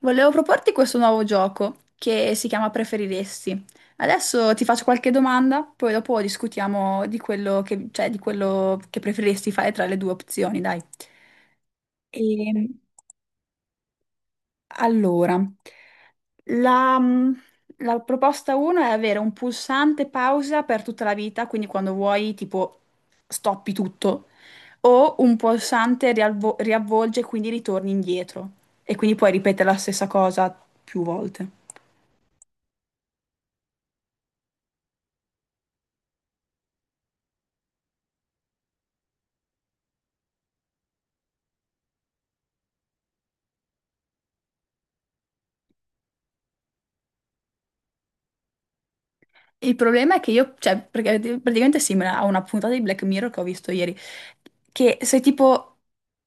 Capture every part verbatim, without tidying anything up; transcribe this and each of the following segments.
Volevo proporti questo nuovo gioco che si chiama Preferiresti. Adesso ti faccio qualche domanda, poi dopo discutiamo di quello che, cioè, di quello che preferiresti fare tra le due opzioni, dai. E, allora, la, mm, la proposta uno è avere un pulsante pausa per tutta la vita, quindi quando vuoi, tipo, stoppi tutto, o un pulsante rialvo- riavvolge e quindi ritorni indietro. E quindi puoi ripetere la stessa cosa più volte. Il problema è che io, cioè, perché praticamente è simile a una puntata di Black Mirror che ho visto ieri, che sei tipo,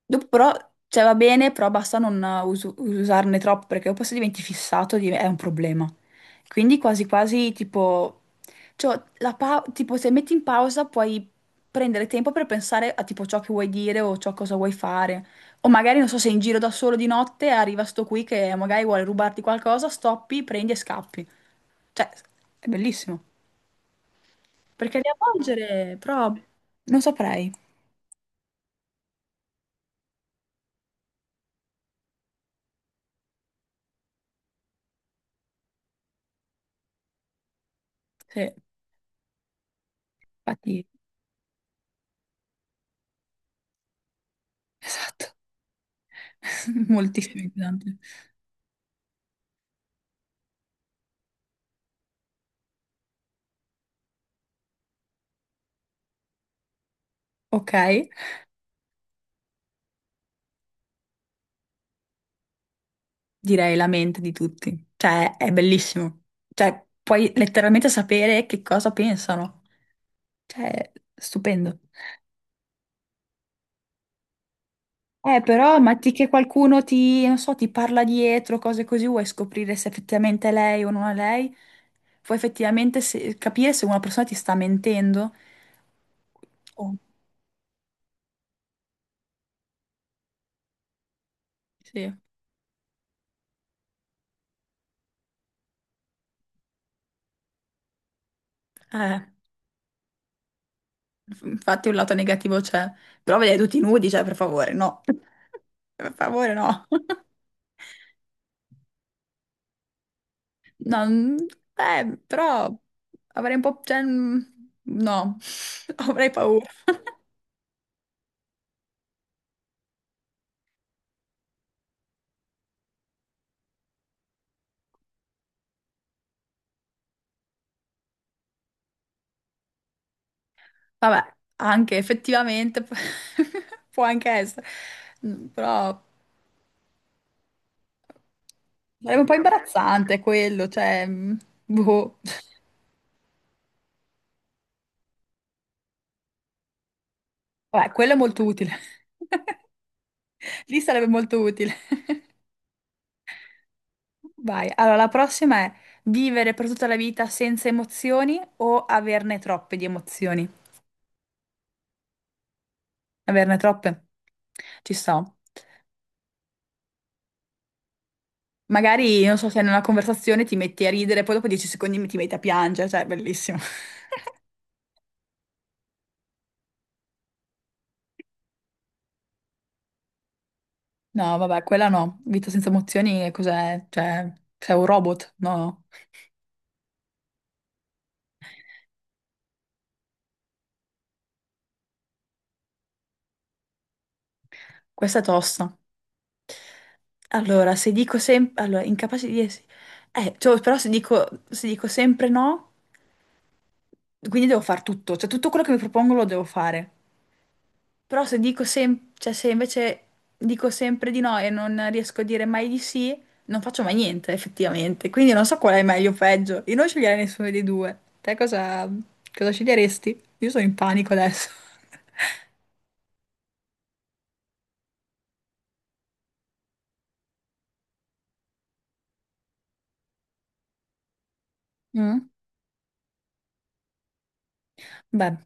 dopo però, cioè va bene, però basta non usu- usarne troppo, perché dopo se diventi fissato div- è un problema. Quindi quasi quasi tipo, cioè, la pa- tipo se metti in pausa puoi prendere tempo per pensare a tipo ciò che vuoi dire o ciò cosa vuoi fare. O magari, non so, sei in giro da solo di notte, e arriva sto qui che magari vuole rubarti qualcosa, stoppi, prendi e scappi. Cioè, è bellissimo. Perché riavvolgere, però non saprei. Sì, Infatti, esatto, moltissimo inquietante. Ok, direi la mente di tutti. Cioè, è bellissimo. Cioè, puoi letteralmente sapere che cosa pensano. Cioè, stupendo. Eh, però, ma ti- che qualcuno ti, non so, ti parla dietro, cose così, vuoi scoprire se effettivamente è lei o non è lei? Vuoi effettivamente se- capire se una persona ti sta mentendo? Oh, sì. Eh, Infatti un lato negativo c'è, però vedere tutti nudi, cioè per favore, no. Per favore, no. No, mm, eh, però avrei un po'... cioè, mm, no, avrei paura. Vabbè, anche effettivamente p- può anche essere, Mm, però sarebbe un po' imbarazzante quello, cioè... mm, Boh. Vabbè, quello è molto utile. Lì sarebbe molto utile. Vai. Allora, la prossima è vivere per tutta la vita senza emozioni o averne troppe di emozioni? Averne troppe? Ci sto. Magari, non so, se in una conversazione ti metti a ridere, poi dopo dieci secondi ti metti a piangere, cioè, bellissimo. No, vabbè, quella no. Vita senza emozioni è cos'è? Cioè, sei un robot? No. Questa è tosta. Allora, se dico sempre. Allora, incapace di. Es- Eh, cioè, però se dico... se dico sempre no, quindi devo fare tutto. Cioè, tutto quello che mi propongo lo devo fare. Però se dico sem- cioè, se invece dico sempre di no e non riesco a dire mai di sì, non faccio mai niente, effettivamente. Quindi non so qual è meglio o peggio. Io non sceglierei nessuno dei due. Te cosa, cosa sceglieresti? Io sono in panico adesso. Mm? Beh,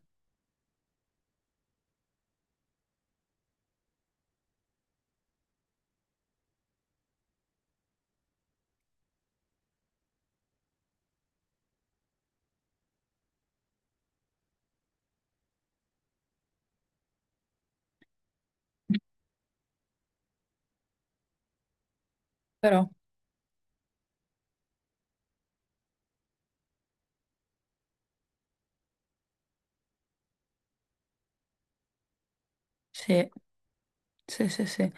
però sì. Sì, sì, sì.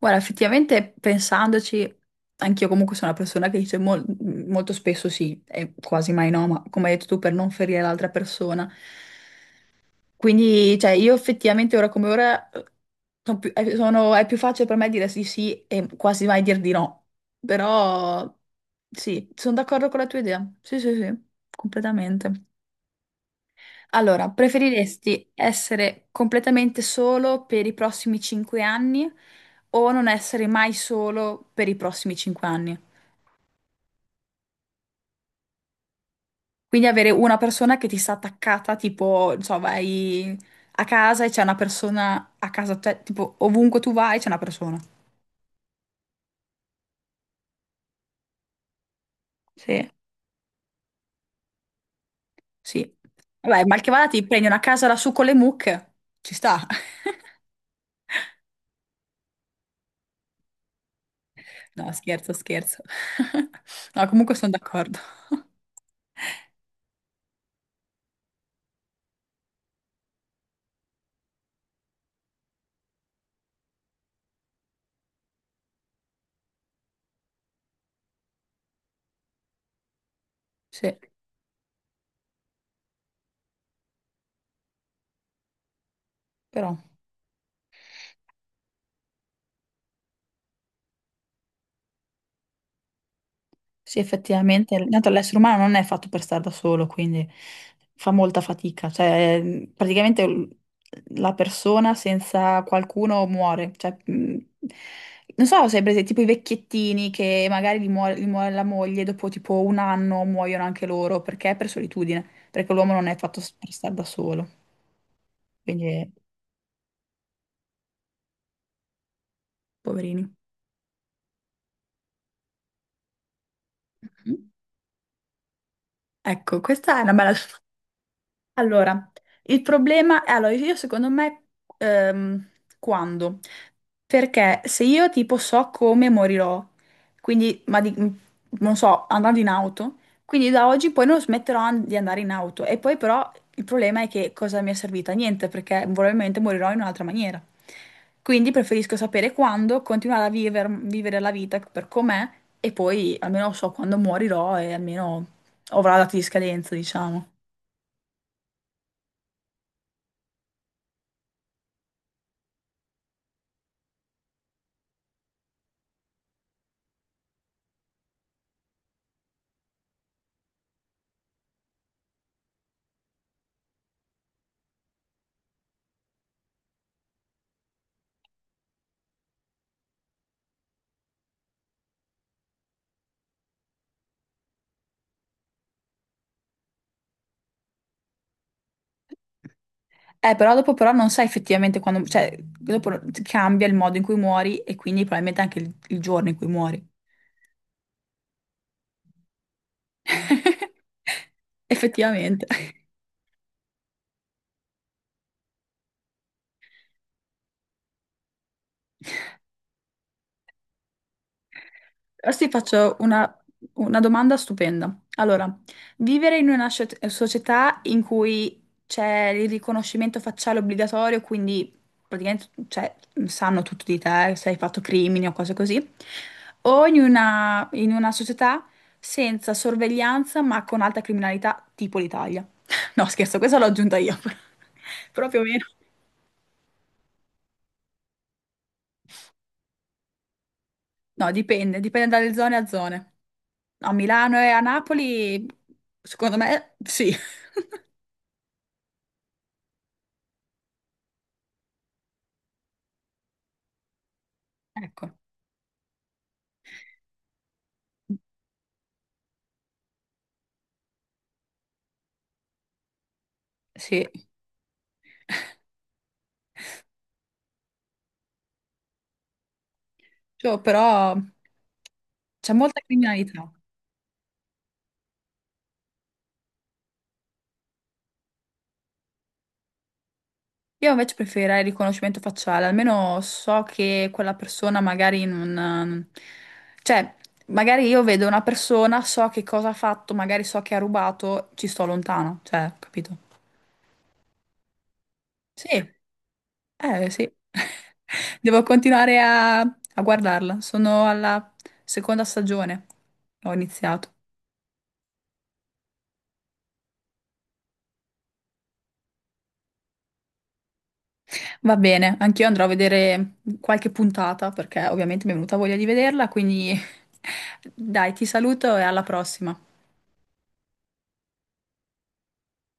Guarda, effettivamente pensandoci, anch'io comunque sono una persona che dice mol- molto spesso sì e quasi mai no, ma come hai detto tu, per non ferire l'altra persona. Quindi, cioè, io effettivamente ora come ora eh, son più- eh, sono- è più facile per me dire sì sì e quasi mai dir di no. Però sì, sono d'accordo con la tua idea. Sì, sì, sì, completamente. Allora, preferiresti essere completamente solo per i prossimi cinque anni o non essere mai solo per i prossimi cinque anni? Quindi avere una persona che ti sta attaccata, tipo, non so, vai a casa e c'è una persona a casa, te- tipo ovunque tu vai c'è una persona. Sì, sì. Vabbè, mal che vada ti prendi una casa lassù con le mucche. Ci sta. No, scherzo, scherzo. No, comunque sono d'accordo. Sì, però. Sì, effettivamente, intanto l'essere umano non è fatto per stare da solo, quindi fa molta fatica, cioè mh, praticamente l- la persona senza qualcuno muore, cioè, mh, non so se hai presente tipo i vecchiettini che magari gli muore, gli muore la moglie, dopo tipo un anno muoiono anche loro, perché? Per solitudine, perché l'uomo non è fatto s- per stare da solo, quindi poverini. Mhm. Ecco, questa è una bella Allora, il problema è, allora, io secondo me, ehm, quando? Perché se io tipo so come morirò, quindi, ma di- mh, non so, andando in auto, quindi da oggi poi non smetterò an- di andare in auto. E poi però il problema è che cosa mi è servita? Niente, perché probabilmente morirò in un'altra maniera. Quindi preferisco sapere quando, continuare a viver- vivere la vita per com'è e poi almeno so quando morirò e almeno avrò la data di scadenza, diciamo. Eh, però dopo però non sai effettivamente quando, cioè, dopo cambia il modo in cui muori e quindi probabilmente anche il, il giorno in cui muori. Effettivamente. Adesso ti faccio una, una domanda stupenda. Allora, vivere in una scio- società in cui c'è il riconoscimento facciale obbligatorio, quindi praticamente cioè, sanno tutto di te, se hai fatto crimini o cose così, o in una, in una società senza sorveglianza ma con alta criminalità, tipo l'Italia. No, scherzo, questa l'ho aggiunta io. Proprio meno. No, dipende, dipende dalle zone a zone. A Milano e a Napoli, secondo me, sì. Ecco, sì, Cioè, però c'è molta criminalità. Io invece preferirei il riconoscimento facciale, almeno so che quella persona magari non... Cioè, magari io vedo una persona, so che cosa ha fatto, magari so che ha rubato, ci sto lontano, cioè, capito? Sì, eh sì. Devo continuare a, a guardarla, sono alla seconda stagione, ho iniziato. Va bene, anch'io andrò a vedere qualche puntata perché ovviamente mi è venuta voglia di vederla, quindi dai, ti saluto e alla prossima.